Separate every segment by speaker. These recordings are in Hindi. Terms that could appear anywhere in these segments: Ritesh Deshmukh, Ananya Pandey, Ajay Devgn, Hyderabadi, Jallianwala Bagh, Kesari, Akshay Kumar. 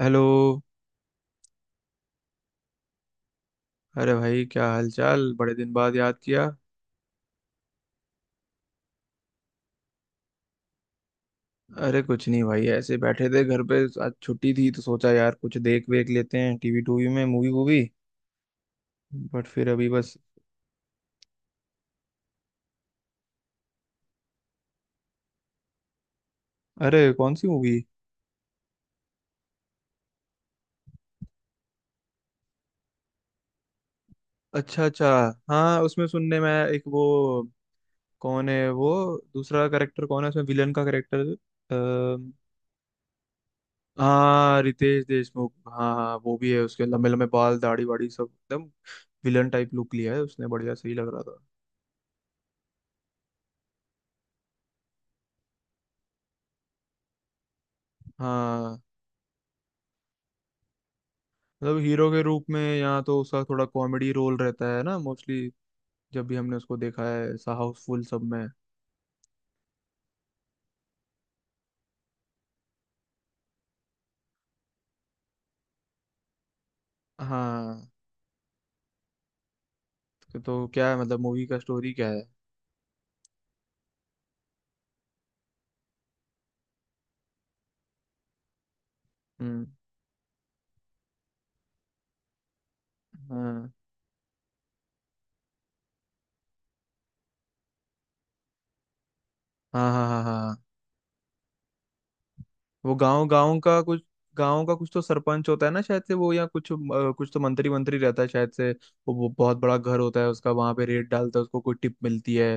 Speaker 1: हेलो। अरे भाई, क्या हाल चाल? बड़े दिन बाद याद किया। अरे कुछ नहीं भाई, ऐसे बैठे थे घर पे, आज छुट्टी थी तो सोचा यार कुछ देख वेख लेते हैं टीवी टूवी में, मूवी वूवी। बट फिर अभी बस। अरे कौन सी मूवी? अच्छा अच्छा। हाँ, उसमें सुनने में आया, एक वो। कौन है वो? दूसरा करेक्टर कौन है उसमें? विलन का करेक्टर। हाँ, रितेश देशमुख, हाँ हाँ वो भी है। उसके लंबे लंबे बाल, दाढ़ी वाड़ी, सब एकदम विलन टाइप लुक लिया है उसने। बढ़िया, सही लग रहा था। हाँ। मतलब हीरो के रूप में, यहाँ तो उसका थोड़ा कॉमेडी रोल रहता है ना मोस्टली। जब भी हमने उसको देखा है, ऐसा हाउसफुल सब में। हाँ। तो क्या है, मतलब मूवी का स्टोरी क्या है? हम्म। हाँ हाँ हाँ हाँ। हाँ, वो गांव गांव का कुछ, गांव का कुछ तो सरपंच होता है ना शायद से वो, या कुछ कुछ तो मंत्री मंत्री रहता है शायद से वो बहुत बड़ा घर होता है उसका, वहां पे रेड डालता है, उसको कोई टिप मिलती है।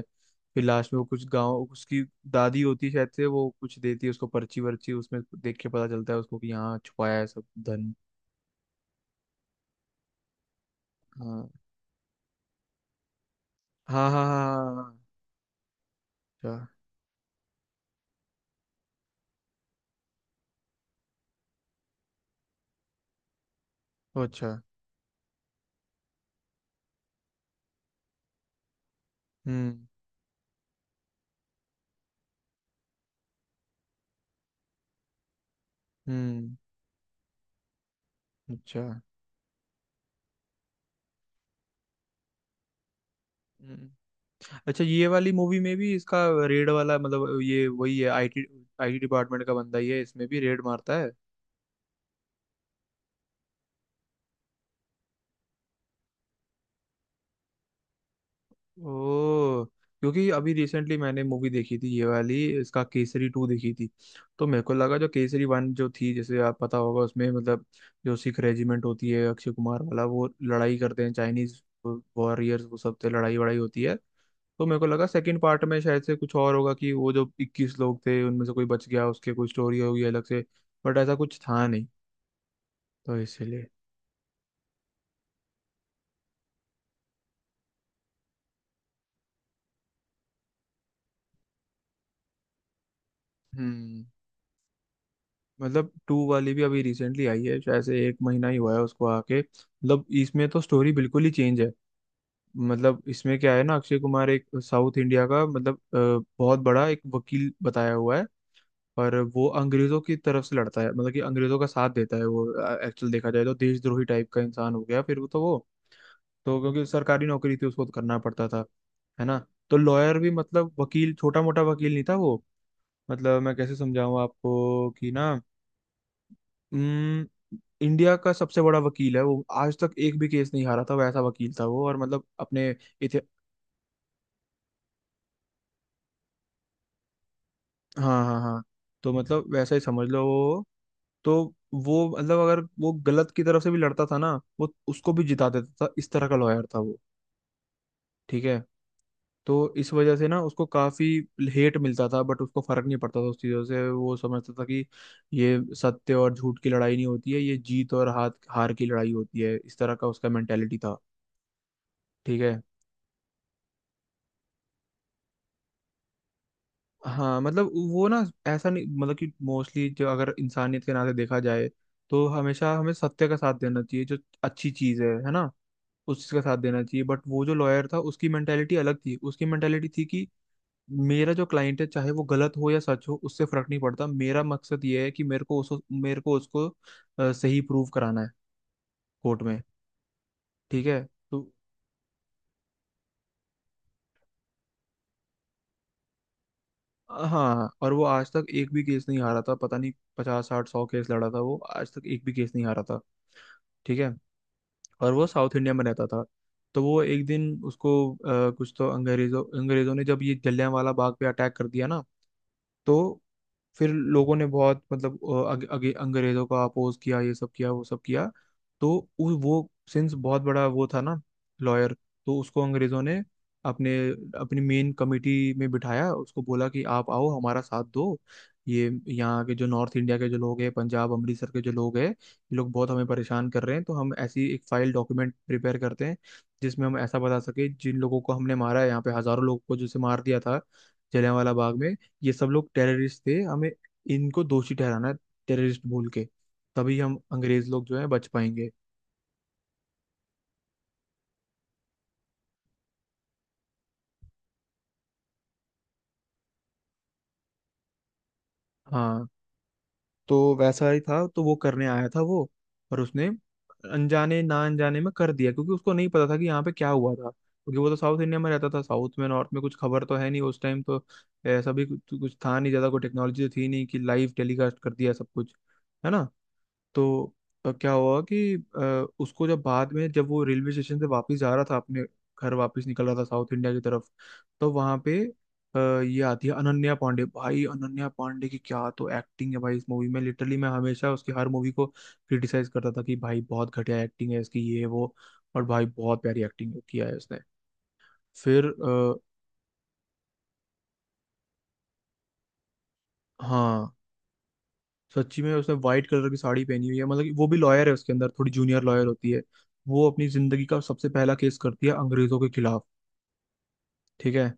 Speaker 1: फिर लास्ट में वो कुछ गांव उसकी दादी होती है शायद से, वो कुछ देती है उसको पर्ची वर्ची, उसमें देख के पता चलता है उसको कि यहाँ छुपाया है सब धन। हाँ हाँ हाँ हाँ। हाँ। हाँ। अच्छा। ओ अच्छा। हम्म। हम्म। अच्छा। हम्म। अच्छा, ये वाली मूवी में भी इसका रेड वाला मतलब, ये वही है, आईटी आईटी डिपार्टमेंट का बंदा ही है, इसमें भी रेड मारता है? ओ। क्योंकि अभी रिसेंटली मैंने मूवी देखी थी ये वाली, इसका केसरी टू देखी थी। तो मेरे को लगा, जो केसरी वन जो थी, जैसे आप पता होगा, उसमें मतलब जो सिख रेजिमेंट होती है, अक्षय कुमार वाला, वो लड़ाई करते हैं चाइनीज वॉरियर्स, वो सब से लड़ाई वड़ाई होती है। तो मेरे को लगा सेकंड पार्ट में शायद से कुछ और होगा, कि वो जो 21 लोग थे उनमें से कोई बच गया, उसके कोई स्टोरी होगी अलग से। बट ऐसा कुछ था नहीं। तो इसीलिए। हम्म। मतलब टू वाली भी अभी रिसेंटली आई है शायद से, एक महीना ही हुआ है उसको आके, मतलब इसमें तो स्टोरी बिल्कुल ही चेंज है। मतलब इसमें क्या है ना, अक्षय कुमार एक साउथ इंडिया का मतलब बहुत बड़ा एक वकील बताया हुआ है। पर वो अंग्रेजों की तरफ से लड़ता है, मतलब कि अंग्रेजों का साथ देता है वो। एक्चुअल देखा जाए तो देशद्रोही टाइप का इंसान हो गया फिर वो, तो वो, तो क्योंकि सरकारी नौकरी थी उसको तो करना पड़ता था। है ना। तो लॉयर भी, मतलब वकील, छोटा मोटा वकील नहीं था वो। मतलब मैं कैसे समझाऊं आपको कि ना। इंडिया का सबसे बड़ा वकील है वो, आज तक एक भी केस नहीं हारा था, वैसा वकील था वो, और मतलब अपने इति। हाँ हाँ हाँ। तो मतलब वैसा ही समझ लो वो। तो, वो मतलब, अगर वो गलत की तरफ से भी लड़ता था ना, वो उसको भी जिता देता था, इस तरह का लॉयर था वो। ठीक है। तो इस वजह से ना उसको काफी हेट मिलता था, बट उसको फर्क नहीं पड़ता था उस चीजों से, वो समझता था कि ये सत्य और झूठ की लड़ाई नहीं होती है, ये जीत और हाथ हार की लड़ाई होती है, इस तरह का उसका मेंटेलिटी था। ठीक है। हाँ मतलब वो ना, ऐसा नहीं मतलब कि मोस्टली, जो अगर इंसानियत के नाते देखा जाए तो हमेशा हमें सत्य का साथ देना चाहिए, जो अच्छी चीज है ना, उस चीज का साथ देना चाहिए। बट वो जो लॉयर था उसकी मेंटेलिटी अलग थी, उसकी मेंटेलिटी थी कि मेरा जो क्लाइंट है, चाहे वो गलत हो या सच हो उससे फर्क नहीं पड़ता, मेरा मकसद ये है कि मेरे को उसको सही प्रूव कराना है कोर्ट में। ठीक है। तो हाँ, और वो आज तक एक भी केस नहीं हारा था, पता नहीं 50 60 100 केस लड़ा था वो, आज तक एक भी केस नहीं हारा था। ठीक है। और वो साउथ इंडिया में रहता था। तो वो एक दिन उसको कुछ तो, अंग्रेजों अंग्रेजों ने जब ये जलियांवाला बाग पे अटैक कर दिया ना, तो फिर लोगों ने बहुत मतलब अ, अग, अगे अंग्रेजों का अपोज किया, ये सब किया वो सब किया। तो वो सिंस बहुत बड़ा वो था ना, लॉयर। तो उसको अंग्रेजों ने अपने अपनी मेन कमेटी में बिठाया, उसको बोला कि आप आओ हमारा साथ दो, ये यहाँ के जो नॉर्थ इंडिया के जो लोग हैं, पंजाब अमृतसर के जो लोग हैं, ये लोग बहुत हमें परेशान कर रहे हैं, तो हम ऐसी एक फाइल डॉक्यूमेंट प्रिपेयर करते हैं जिसमें हम ऐसा बता सके, जिन लोगों को हमने मारा है यहाँ पे, हजारों लोगों को जैसे मार दिया था जलियांवाला बाग में, ये सब लोग टेररिस्ट थे, हमें इनको दोषी ठहराना है, टेररिस्ट बोल के, तभी हम अंग्रेज लोग जो है बच पाएंगे। हाँ। तो वैसा ही था, तो वो करने आया था वो, और उसने अनजाने, ना अनजाने में कर दिया, क्योंकि उसको नहीं पता था कि यहाँ पे क्या हुआ था, क्योंकि वो तो साउथ इंडिया में रहता था, साउथ में नॉर्थ में कुछ खबर तो है नहीं उस टाइम तो, ऐसा भी कुछ था नहीं ज्यादा, कोई टेक्नोलॉजी तो थी नहीं कि लाइव टेलीकास्ट कर दिया सब कुछ, है ना। तो क्या हुआ कि उसको जब बाद में, जब वो रेलवे स्टेशन से वापस जा रहा था, अपने घर वापस निकल रहा था साउथ इंडिया की तरफ, तो वहां पे ये आती है अनन्या पांडे। भाई, अनन्या पांडे की क्या तो एक्टिंग है भाई इस मूवी में, लिटरली मैं हमेशा उसकी हर मूवी को क्रिटिसाइज करता था कि भाई बहुत घटिया एक्टिंग है इसकी, ये वो। और भाई बहुत प्यारी एक्टिंग किया है उसने। फिर आ, हाँ, सच्ची में उसने व्हाइट कलर की साड़ी पहनी हुई है, मतलब कि वो भी लॉयर है, उसके अंदर थोड़ी जूनियर लॉयर होती है। वो अपनी जिंदगी का सबसे पहला केस करती है अंग्रेजों के खिलाफ। ठीक है।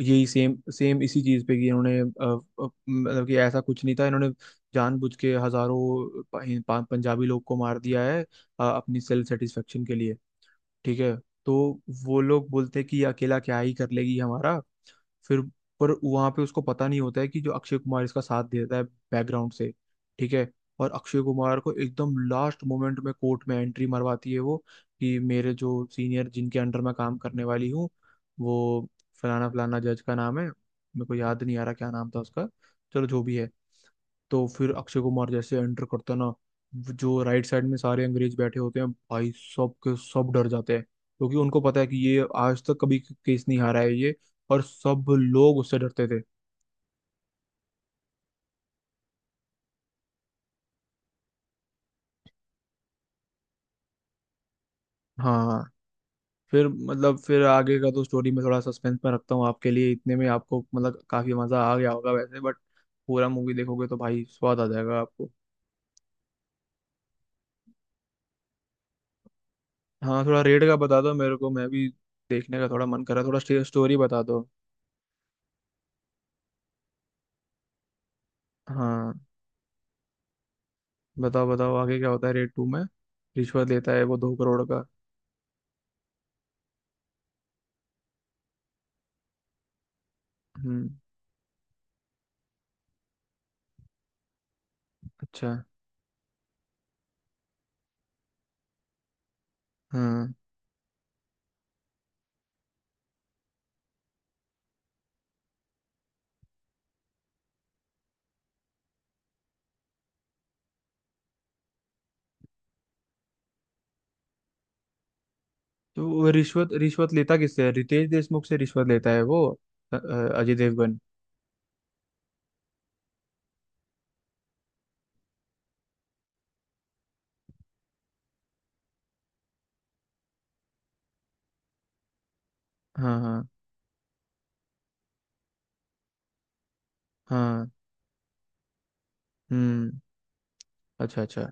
Speaker 1: यही सेम सेम इसी चीज पे कि इन्होंने मतलब कि ऐसा कुछ नहीं था, इन्होंने जानबूझ के हजारों पंजाबी लोग को मार दिया है अपनी सेल्फ सेटिस्फेक्शन के लिए। ठीक है। तो वो लोग बोलते हैं कि ये अकेला क्या ही कर लेगी हमारा, फिर। पर वहां पे उसको पता नहीं होता है कि जो अक्षय कुमार इसका साथ देता है बैकग्राउंड से। ठीक है। और अक्षय कुमार को एकदम लास्ट मोमेंट में कोर्ट में एंट्री मरवाती है वो कि मेरे जो सीनियर जिनके अंडर मैं काम करने वाली हूँ, वो फलाना फलाना जज का नाम है, मेरे को याद नहीं आ रहा क्या नाम था उसका, चलो जो भी है। तो फिर अक्षय कुमार जैसे एंटर करता है ना, वो जो राइट साइड में सारे अंग्रेज बैठे होते हैं भाई, सब के सब डर जाते हैं, क्योंकि उनको पता है कि ये आज तक कभी केस नहीं हारा है ये, और सब लोग उससे डरते थे। हाँ। फिर मतलब, फिर आगे का तो स्टोरी में थोड़ा सस्पेंस में रखता हूँ आपके लिए, इतने में आपको मतलब काफी मजा आ गया होगा वैसे, बट पूरा मूवी देखोगे तो भाई, स्वाद आ जाएगा आपको। हाँ, थोड़ा रेट का बता दो मेरे को, मैं भी देखने का थोड़ा मन कर रहा है, थोड़ा स्टोरी बता दो। हाँ, बताओ बताओ आगे क्या होता है रेड टू में? रिश्वत लेता है वो 2 करोड़ का। हम्म। अच्छा। हाँ, तो वो रिश्वत रिश्वत लेता किससे है? रितेश देशमुख से रिश्वत लेता है वो? अजय देवगन। हाँ हाँ हाँ। हम्म। अच्छा अच्छा।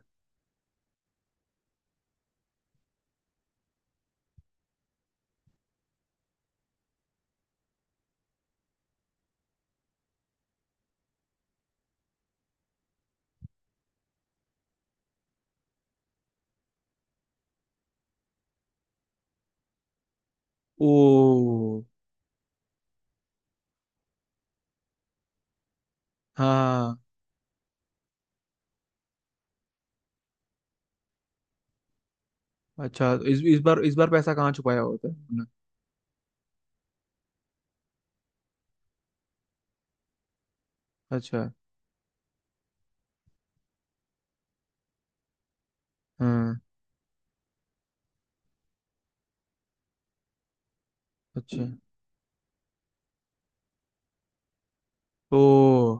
Speaker 1: ओ। हाँ। अच्छा, इस बार इस बार पैसा कहाँ छुपाया होता है उन्होंने? अच्छा। हाँ। अच्छा। ओ।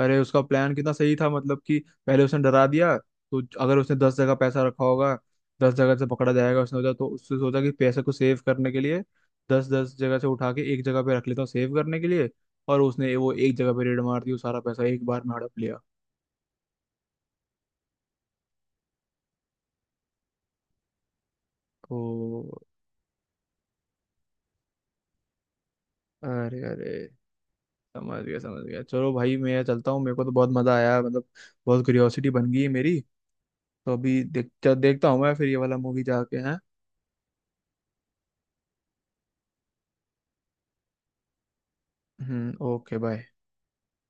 Speaker 1: अरे उसका प्लान कितना सही था, मतलब कि पहले उसने डरा दिया, तो अगर उसने 10 जगह पैसा रखा होगा, 10 जगह से पकड़ा जाएगा उसने सोचा, तो उसने सोचा कि पैसे को सेव करने के लिए दस दस जगह से उठा के एक जगह पे रख लेता हूँ सेव करने के लिए, और उसने वो एक जगह पे रेड मार दी, वो सारा पैसा एक बार में हड़प लिया तो। अरे अरे। समझ गया समझ गया, चलो भाई मैं चलता हूँ, मेरे को तो बहुत मजा आया मतलब, बहुत क्यूरियोसिटी बन गई है मेरी। तो अभी देख, देखता हूँ मैं फिर ये वाला मूवी जाके हैं। Hmm, okay, bye.